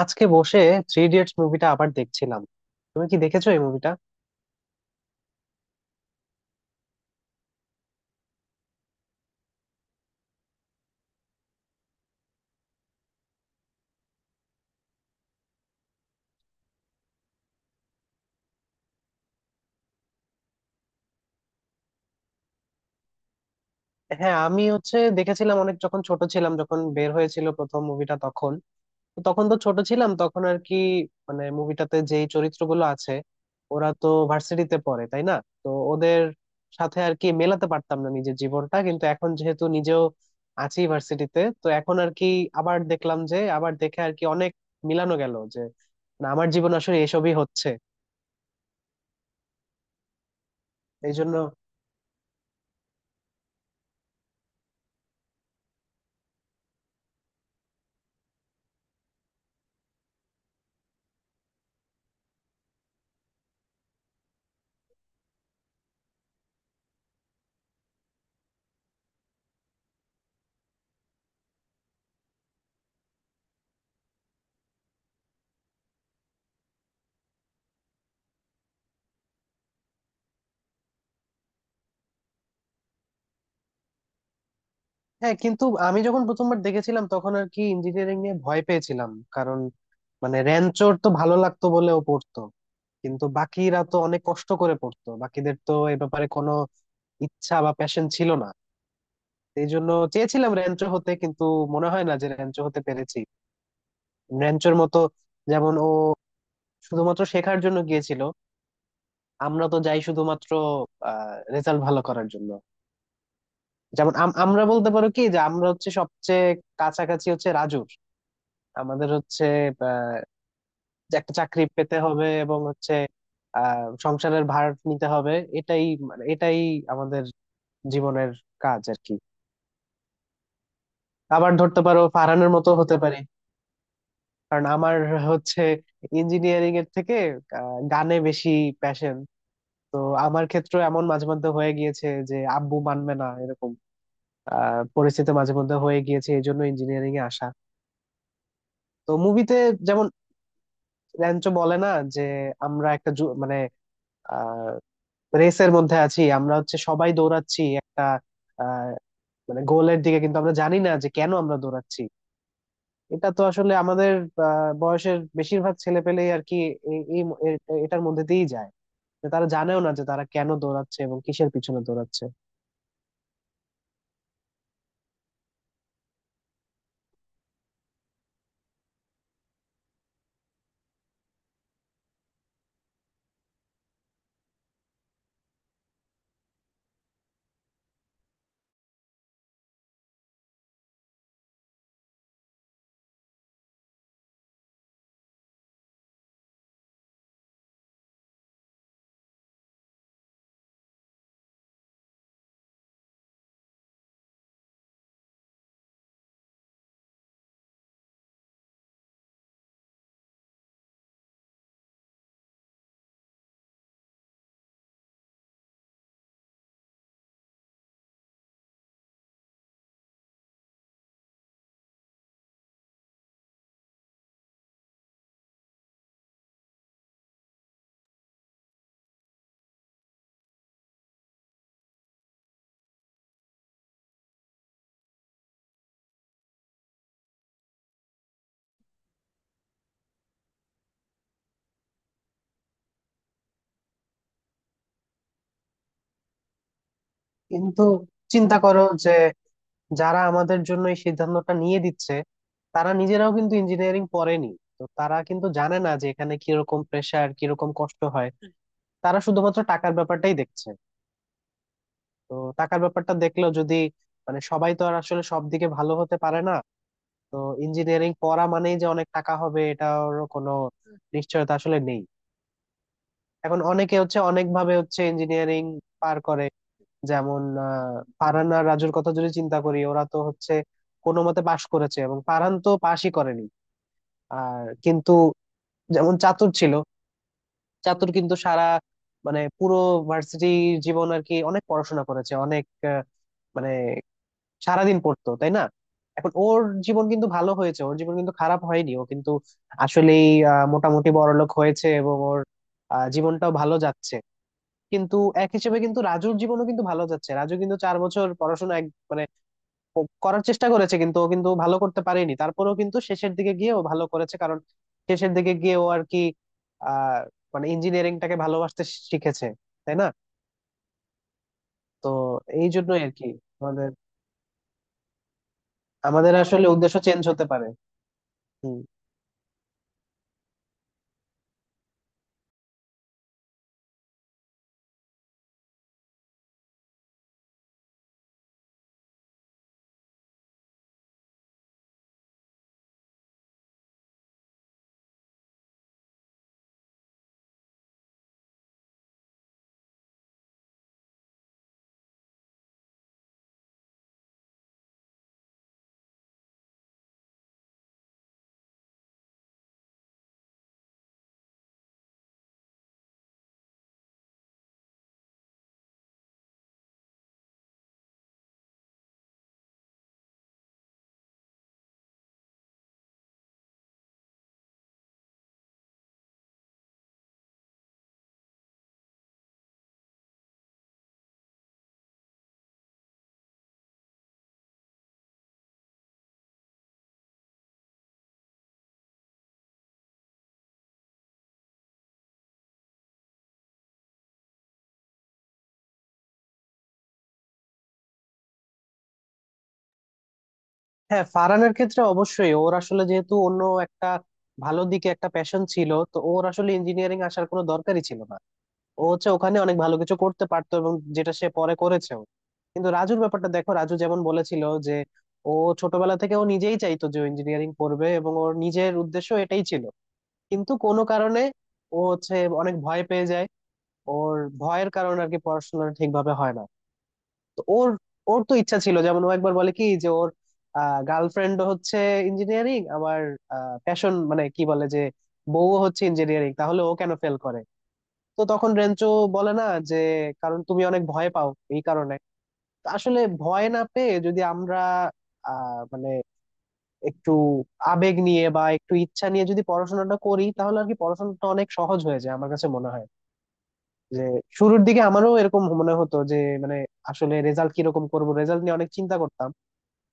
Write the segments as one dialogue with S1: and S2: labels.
S1: আজকে বসে Three Idiots মুভিটা আবার দেখছিলাম। তুমি কি দেখেছো এই মুভিটা? হ্যাঁ আমি হচ্ছে দেখেছিলাম অনেক যখন ছোট ছিলাম, যখন বের হয়েছিল প্রথম মুভিটা তখন। তো তখন তো ছোট ছিলাম তখন আর কি। মানে মুভিটাতে যেই চরিত্রগুলো আছে ওরা তো ভার্সিটিতে পড়ে, তাই না? তো ওদের সাথে আর কি মেলাতে পারতাম না নিজের জীবনটা, কিন্তু এখন যেহেতু নিজেও আছি ভার্সিটিতে তো এখন আর কি আবার দেখলাম যে, আবার দেখে আর কি অনেক মিলানো গেল যে না আমার জীবন আসলে এসবই হচ্ছে এই জন্য। হ্যাঁ কিন্তু আমি যখন প্রথমবার দেখেছিলাম তখন আর কি ইঞ্জিনিয়ারিং নিয়ে ভয় পেয়েছিলাম। কারণ মানে র্যাঞ্চোর তো ভালো লাগতো বলে ও পড়তো, কিন্তু বাকিরা তো অনেক কষ্ট করে পড়তো, বাকিদের তো এ ব্যাপারে কোনো ইচ্ছা বা প্যাশন ছিল না। এই জন্য চেয়েছিলাম র্যাঞ্চো হতে, কিন্তু মনে হয় না যে র্যাঞ্চো হতে পেরেছি র্যাঞ্চোর মতো। যেমন ও শুধুমাত্র শেখার জন্য গিয়েছিল, আমরা তো যাই শুধুমাত্র রেজাল্ট ভালো করার জন্য। যেমন আমরা বলতে পারো কি যে আমরা হচ্ছে সবচেয়ে কাছাকাছি হচ্ছে রাজুর। আমাদের হচ্ছে আহ, যে একটা চাকরি পেতে হবে এবং হচ্ছে সংসারের ভার নিতে হবে। এটাই মানে এটাই আমাদের জীবনের কাজ আর কি। আবার ধরতে পারো ফারহানের মতো হতে পারি। কারণ আমার হচ্ছে ইঞ্জিনিয়ারিং এর থেকে গানে বেশি প্যাশন। তো আমার ক্ষেত্রে এমন মাঝে মধ্যে হয়ে গিয়েছে যে আব্বু মানবে না, এরকম পরিস্থিতি মাঝে মধ্যে হয়ে গিয়েছে এই জন্য ইঞ্জিনিয়ারিং এ আসা। তো মুভিতে যেমন র্যাঞ্চো বলে না যে আমরা একটা মানে রেসের মধ্যে আছি। আমরা হচ্ছে সবাই দৌড়াচ্ছি একটা আহ মানে গোলের দিকে, কিন্তু আমরা জানি না যে কেন আমরা দৌড়াচ্ছি। এটা তো আসলে আমাদের বয়সের বেশিরভাগ ছেলে পেলেই আর কি এই- এই ম- এ- এটার মধ্যে দিয়েই যায় যে তারা জানেও না যে তারা কেন দৌড়াচ্ছে এবং কিসের পিছনে দৌড়াচ্ছে। কিন্তু চিন্তা করো যে যারা আমাদের জন্য এই সিদ্ধান্তটা নিয়ে দিচ্ছে তারা নিজেরাও কিন্তু ইঞ্জিনিয়ারিং পড়েনি। তো তারা কিন্তু জানে না যে এখানে কিরকম প্রেশার কিরকম কষ্ট হয়। তারা শুধুমাত্র টাকার ব্যাপারটাই দেখছে। তো টাকার ব্যাপারটা দেখলেও যদি মানে সবাই তো আর আসলে সব দিকে ভালো হতে পারে না। তো ইঞ্জিনিয়ারিং পড়া মানেই যে অনেক টাকা হবে এটার কোনো নিশ্চয়তা আসলে নেই। এখন অনেকে হচ্ছে অনেক ভাবে হচ্ছে ইঞ্জিনিয়ারিং পার করে। যেমন ফারহান আর রাজুর কথা যদি চিন্তা করি, ওরা তো হচ্ছে কোনো মতে পাশ করেছে এবং ফারহান তো পাশই করেনি। আর কিন্তু যেমন চাতুর ছিল, চাতুর কিন্তু সারা মানে পুরো ভার্সিটি জীবন আর কি অনেক পড়াশোনা করেছে অনেক আহ, মানে সারাদিন পড়তো, তাই না? এখন ওর জীবন কিন্তু ভালো হয়েছে, ওর জীবন কিন্তু খারাপ হয়নি। ও কিন্তু আসলেই মোটামুটি বড়লোক হয়েছে এবং ওর জীবনটাও ভালো যাচ্ছে। কিন্তু এক হিসেবে কিন্তু রাজুর জীবনও কিন্তু ভালো যাচ্ছে। রাজু কিন্তু 4 বছর পড়াশোনা মানে ও করার চেষ্টা করেছে, কিন্তু ও কিন্তু ভালো করতে পারেনি। তারপরেও কিন্তু শেষের দিকে গিয়ে ও ভালো করেছে কারণ শেষের দিকে গিয়ে ও আর কি আহ মানে ইঞ্জিনিয়ারিংটাকে ভালোবাসতে শিখেছে, তাই না? তো এই জন্যই আর কি আমাদের আমাদের আসলে উদ্দেশ্য চেঞ্জ হতে পারে। হম। হ্যাঁ ফারহানের ক্ষেত্রে অবশ্যই ওর আসলে যেহেতু অন্য একটা ভালো দিকে একটা প্যাশন ছিল তো ওর আসলে ইঞ্জিনিয়ারিং আসার কোনো দরকারই ছিল না। ও হচ্ছে ওখানে অনেক ভালো কিছু করতে পারতো এবং যেটা সে পরে করেছেও। কিন্তু রাজুর ব্যাপারটা দেখো। রাজু যেমন বলেছিল যে ও ছোটবেলা থেকে ও নিজেই চাইতো যে ইঞ্জিনিয়ারিং পড়বে এবং ওর নিজের উদ্দেশ্য এটাই ছিল। কিন্তু কোনো কারণে ও হচ্ছে অনেক ভয় পেয়ে যায়। ওর ভয়ের কারণে আর কি পড়াশোনা ঠিকভাবে হয় না। তো ওর ওর তো ইচ্ছা ছিল, যেমন ও একবার বলে কি যে ওর গার্লফ্রেন্ড হচ্ছে ইঞ্জিনিয়ারিং, আমার প্যাশন মানে কি বলে যে বউ হচ্ছে ইঞ্জিনিয়ারিং, তাহলে ও কেন ফেল করে। তো তখন রেঞ্চো বলে না যে কারণ তুমি অনেক ভয় পাও এই কারণে। তো আসলে ভয় না পেয়ে যদি আমরা মানে একটু আবেগ নিয়ে বা একটু ইচ্ছা নিয়ে যদি পড়াশোনাটা করি তাহলে আর কি পড়াশোনাটা অনেক সহজ হয়ে যায় আমার কাছে মনে হয়। যে শুরুর দিকে আমারও এরকম মনে হতো যে মানে আসলে রেজাল্ট কিরকম করব, রেজাল্ট নিয়ে অনেক চিন্তা করতাম।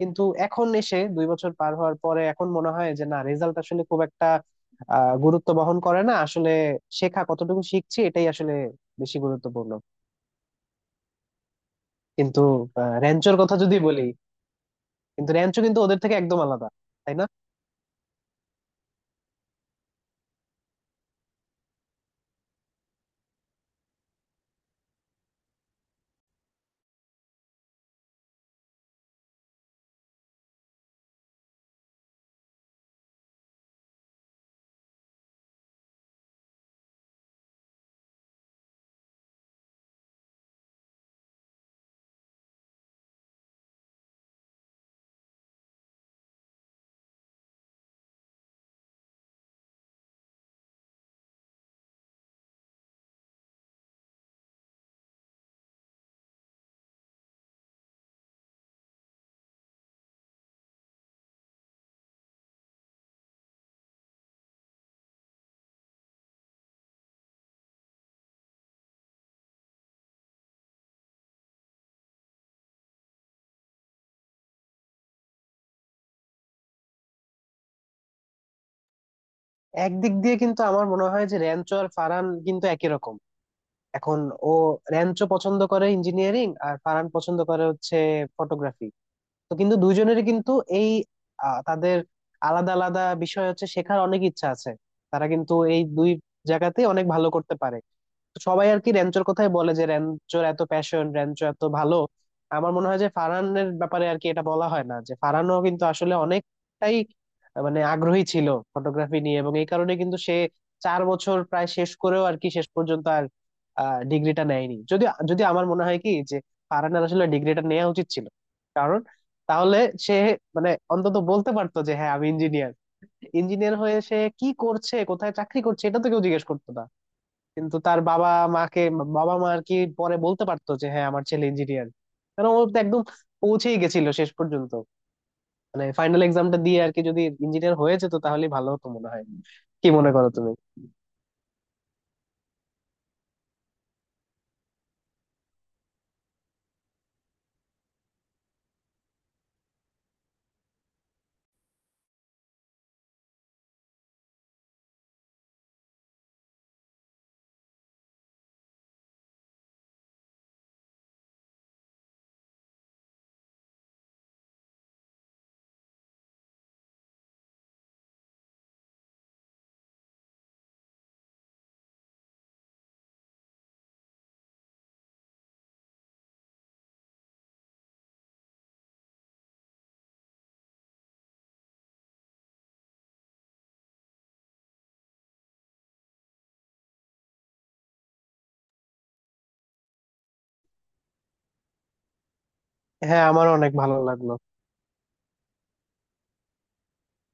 S1: কিন্তু এখন এসে 2 বছর পার হওয়ার পরে এখন মনে হয় যে না রেজাল্ট আসলে খুব একটা গুরুত্ব বহন করে না আসলে। শেখা কতটুকু শিখছি এটাই আসলে বেশি গুরুত্বপূর্ণ। কিন্তু র্যাঞ্চোর কথা যদি বলি, কিন্তু র্যাঞ্চো কিন্তু ওদের থেকে একদম আলাদা, তাই না? একদিক দিয়ে কিন্তু আমার মনে হয় যে র্যাঞ্চো আর ফারান কিন্তু একই রকম। এখন ও র্যাঞ্চো পছন্দ করে ইঞ্জিনিয়ারিং আর ফারান পছন্দ করে হচ্ছে ফটোগ্রাফি। তো কিন্তু দুজনেরই কিন্তু এই তাদের আলাদা আলাদা বিষয় হচ্ছে শেখার অনেক ইচ্ছা আছে। তারা কিন্তু এই দুই জায়গাতেই অনেক ভালো করতে পারে। তো সবাই আর কি র্যাঞ্চোর কথাই বলে যে র্যাঞ্চোর এত প্যাশন, র্যাঞ্চো এত ভালো। আমার মনে হয় যে ফারহানের ব্যাপারে আর কি এটা বলা হয় না যে ফারহানও কিন্তু আসলে অনেকটাই মানে আগ্রহী ছিল ফটোগ্রাফি নিয়ে এবং এই কারণে কিন্তু সে 4 বছর প্রায় শেষ করেও আর কি শেষ পর্যন্ত আর ডিগ্রিটা নেয়নি। যদি যদি আমার মনে হয় কি যে ফারহানের আসলে ডিগ্রিটা নেওয়া উচিত ছিল তাহলে সে মানে অন্তত বলতে পারতো যে হ্যাঁ আমি ইঞ্জিনিয়ার। ইঞ্জিনিয়ার হয়ে সে কি করছে কোথায় চাকরি করছে এটা তো কেউ জিজ্ঞেস করতো না। কিন্তু তার বাবা মাকে, বাবা মা আর কি পরে বলতে পারতো যে হ্যাঁ আমার ছেলে ইঞ্জিনিয়ার। কারণ ও তো একদম পৌঁছেই গেছিল শেষ পর্যন্ত। মানে ফাইনাল এক্সামটা দিয়ে আর কি যদি ইঞ্জিনিয়ার হয়ে যেত তাহলে ভালো হতো মনে হয়। কি মনে করো তুমি? হ্যাঁ আমার অনেক ভালো লাগলো।